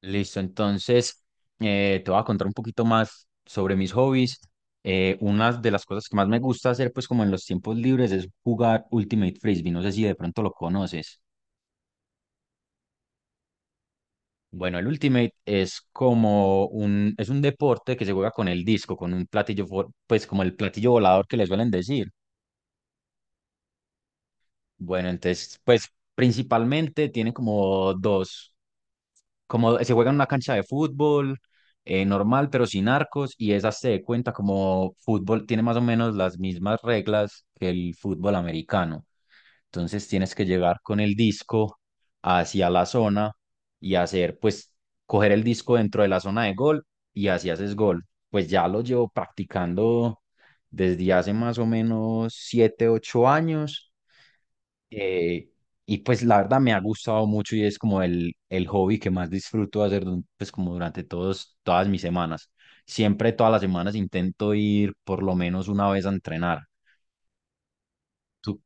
Listo, entonces te voy a contar un poquito más sobre mis hobbies. Una de las cosas que más me gusta hacer, pues como en los tiempos libres, es jugar Ultimate Frisbee. No sé si de pronto lo conoces. Bueno, el Ultimate es como es un deporte que se juega con el disco, con un platillo, pues como el platillo volador que le suelen decir. Bueno, entonces, pues principalmente tiene como dos, como se juega en una cancha de fútbol normal, pero sin arcos, y esa se de cuenta como fútbol, tiene más o menos las mismas reglas que el fútbol americano. Entonces tienes que llegar con el disco hacia la zona y hacer, pues, coger el disco dentro de la zona de gol y así haces gol. Pues ya lo llevo practicando desde hace más o menos 7, 8 años, eh, y pues la verdad me ha gustado mucho y es como el hobby que más disfruto hacer pues como durante todas mis semanas. Siempre todas las semanas intento ir por lo menos una vez a entrenar. Tú-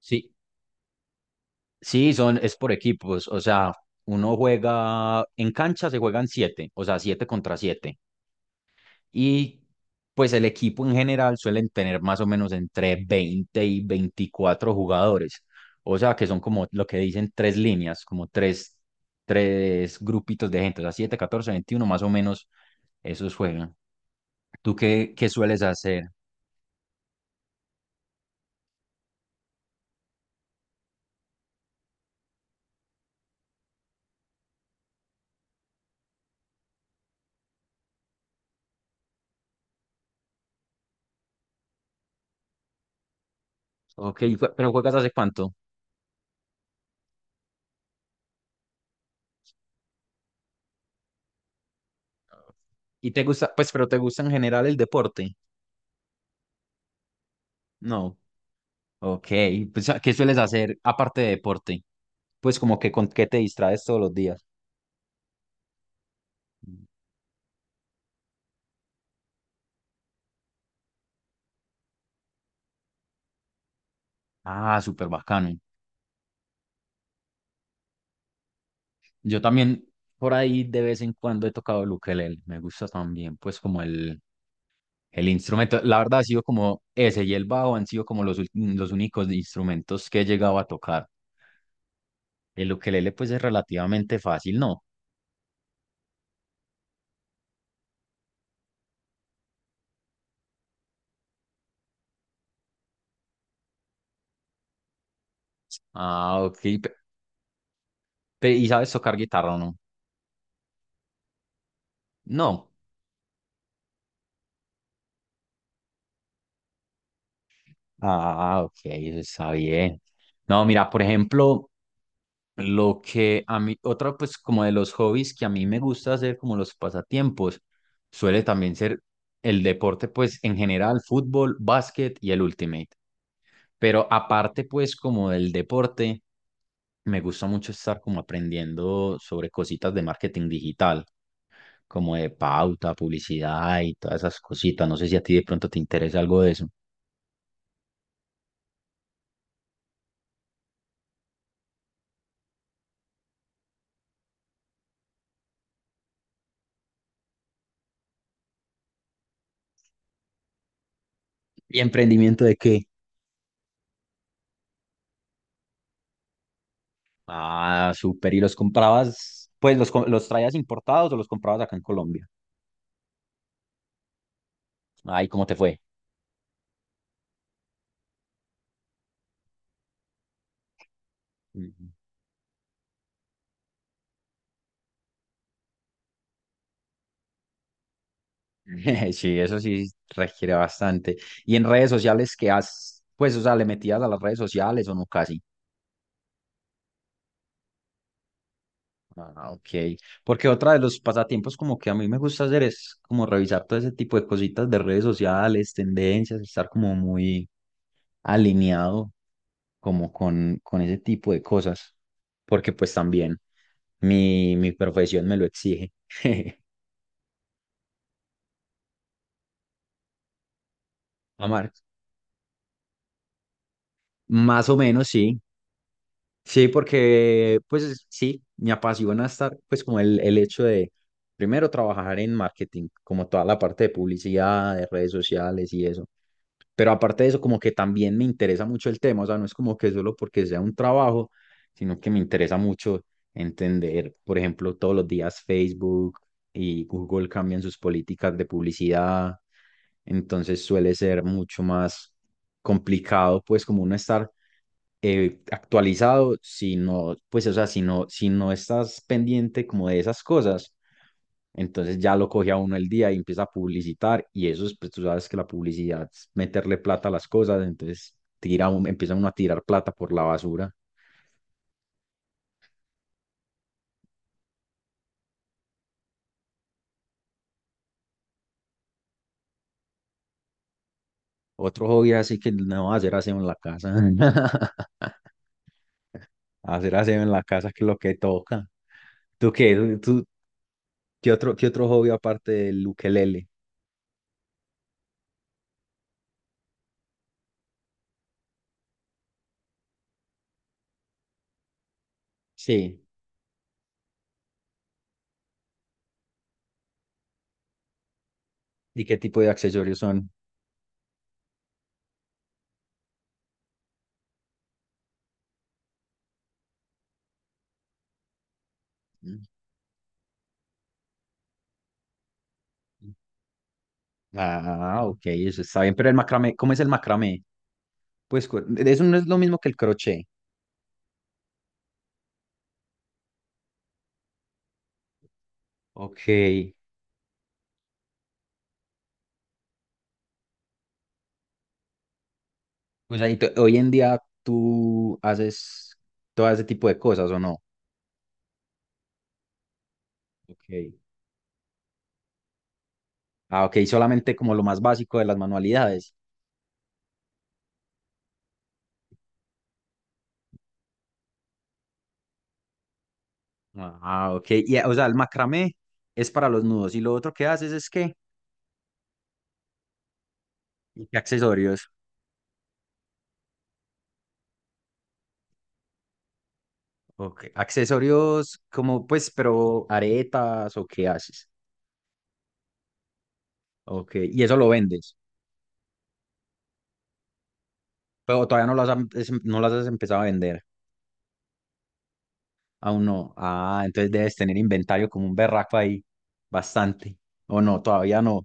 Sí, sí, son, es por equipos, o sea, uno juega, en cancha se juegan siete, o sea, siete contra siete. Y pues el equipo en general suelen tener más o menos entre 20 y 24 jugadores. O sea, que son como lo que dicen tres líneas, como tres, tres grupitos de gente. O sea, 7, 14, 21, más o menos esos juegan. ¿Tú qué, qué sueles hacer? Ok, pero ¿juegas hace cuánto? ¿Y te gusta, pues, pero te gusta en general el deporte? No. Ok, pues, ¿qué sueles hacer aparte de deporte? Pues como que con qué te distraes todos los días. Ah, súper bacano. Yo también por ahí de vez en cuando he tocado el ukelele. Me gusta también, pues, como el instrumento. La verdad ha sido como ese y el bajo han sido como los, los únicos instrumentos que he llegado a tocar. El ukelele, pues, es relativamente fácil, ¿no? Ah, ok. ¿Y sabes tocar guitarra o no? No. Ah, ok, eso está bien. No, mira, por ejemplo. Lo que a mí, otra pues como de los hobbies que a mí me gusta hacer como los pasatiempos, suele también ser el deporte pues en general, fútbol, básquet y el ultimate. Pero aparte pues como del deporte, me gusta mucho estar como aprendiendo sobre cositas de marketing digital, como de pauta, publicidad y todas esas cositas. No sé si a ti de pronto te interesa algo de eso. ¿Y emprendimiento de qué? Ah, súper. ¿Y los comprabas, pues los, los traías importados o los comprabas acá en Colombia? Ay, ¿cómo te fue? Ujú. Sí, eso sí requiere bastante. ¿Y en redes sociales qué has, pues, o sea, le metías a las redes sociales o no casi? Ah, ok. Porque otra de los pasatiempos como que a mí me gusta hacer es como revisar todo ese tipo de cositas de redes sociales, tendencias, estar como muy alineado como con ese tipo de cosas. Porque pues también mi profesión me lo exige. Amar. Más o menos, sí. Sí, porque pues sí, me apasiona estar, pues como el hecho de, primero, trabajar en marketing, como toda la parte de publicidad, de redes sociales y eso. Pero aparte de eso, como que también me interesa mucho el tema, o sea, no es como que solo porque sea un trabajo, sino que me interesa mucho entender, por ejemplo, todos los días Facebook y Google cambian sus políticas de publicidad, entonces suele ser mucho más complicado, pues como uno estar actualizado, si no, pues, o sea, si no estás pendiente como de esas cosas, entonces ya lo coge a uno el día y empieza a publicitar y eso es, pues tú sabes que la publicidad es meterle plata a las cosas, entonces empieza uno a tirar plata por la basura. Otro hobby así que no hacer aseo en la casa. Hacer aseo en la casa que es lo que toca. ¿Tú qué? ¿Tú, qué otro hobby aparte del ukelele? Sí. ¿Y qué tipo de accesorios son? Ah, ok, eso está bien. Pero el macramé, ¿cómo es el macramé? Pues eso no es lo mismo que el crochet. Ok. O sea, y hoy en día tú haces todo ese tipo de cosas, ¿o no? Ok. Ah, ok, solamente como lo más básico de las manualidades. Ah, ok. Y, o sea, el macramé es para los nudos. ¿Y lo otro que haces es qué? ¿Y qué accesorios? Ok. Accesorios como, pues, pero aretas o qué haces. Ok. Y eso lo vendes. Pero todavía no lo has, no las has empezado a vender. Aún no. Ah, entonces debes tener inventario como un berraco ahí. Bastante. O no, todavía no.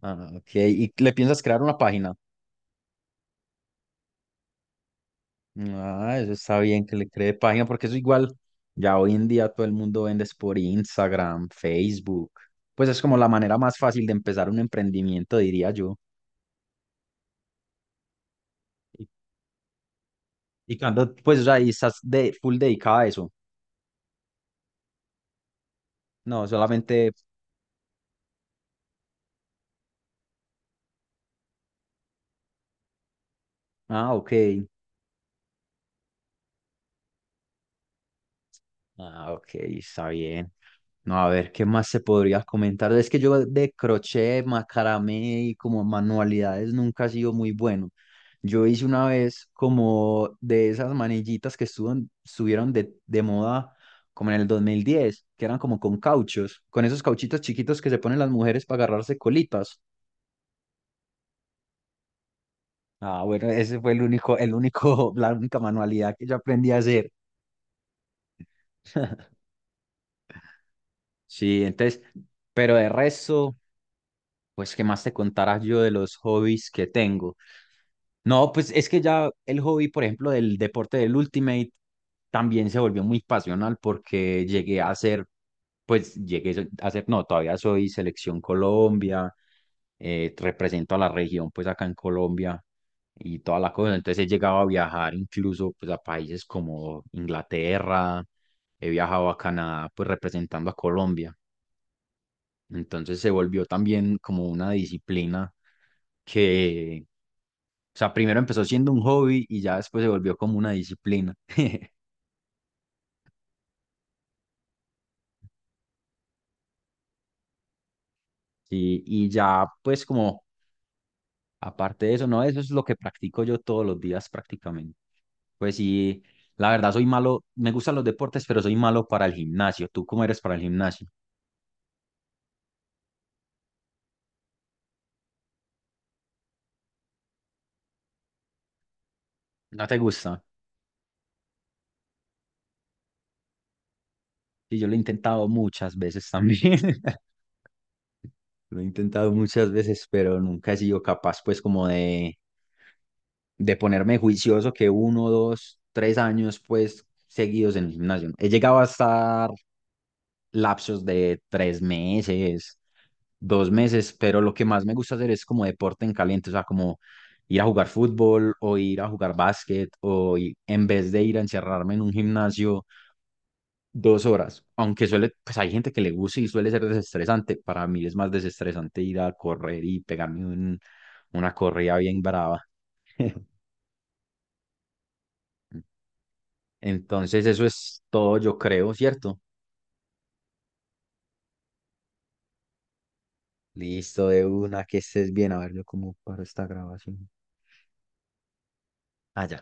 Ah, ok. ¿Y le piensas crear una página? Ah, eso está bien que le cree página, porque eso igual, ya hoy en día todo el mundo vende es por Instagram, Facebook. Pues es como la manera más fácil de empezar un emprendimiento, diría yo. Y, y cuando, pues, o sea, y estás de, full dedicada a eso. No, solamente, ah, ok. Ah, ok, está bien. No, a ver, ¿qué más se podría comentar? Es que yo de crochet, macramé y como manualidades nunca he sido muy bueno. Yo hice una vez como de esas manillitas que estuvieron de moda como en el 2010 que eran como con cauchos, con esos cauchitos chiquitos que se ponen las mujeres para agarrarse colitas. Ah, bueno, ese fue el único, la única manualidad que yo aprendí a hacer. Sí, entonces, pero de resto. Pues, ¿qué más te contara yo de los hobbies que tengo? No, pues es que ya el hobby, por ejemplo, del deporte del Ultimate también se volvió muy pasional porque llegué a ser, pues llegué a ser, no, todavía soy selección Colombia, represento a la región, pues acá en Colombia y toda la cosa. Entonces he llegado a viajar incluso pues a países como Inglaterra, he viajado a Canadá, pues representando a Colombia. Entonces se volvió también como una disciplina que, o sea, primero empezó siendo un hobby y ya después se volvió como una disciplina. Sí, y ya pues como aparte de eso, no, eso es lo que practico yo todos los días prácticamente. Pues sí, la verdad soy malo, me gustan los deportes, pero soy malo para el gimnasio. ¿Tú cómo eres para el gimnasio? ¿No te gusta? Sí, yo lo he intentado muchas veces también. Lo he intentado muchas veces, pero nunca he sido capaz pues como de ponerme juicioso que uno, dos, tres años pues seguidos en el gimnasio, ¿no? He llegado a estar lapsos de 3 meses, 2 meses, pero lo que más me gusta hacer es como deporte en caliente, o sea, como ir a jugar fútbol o ir a jugar básquet o en vez de ir a encerrarme en un gimnasio 2 horas, aunque suele, pues hay gente que le gusta y suele ser desestresante, para mí es más desestresante ir a correr y pegarme una corrida bien brava. Entonces, eso es todo, yo creo, ¿cierto? Listo, de una, que estés bien. A ver, yo cómo paro esta grabación. Ah, ya.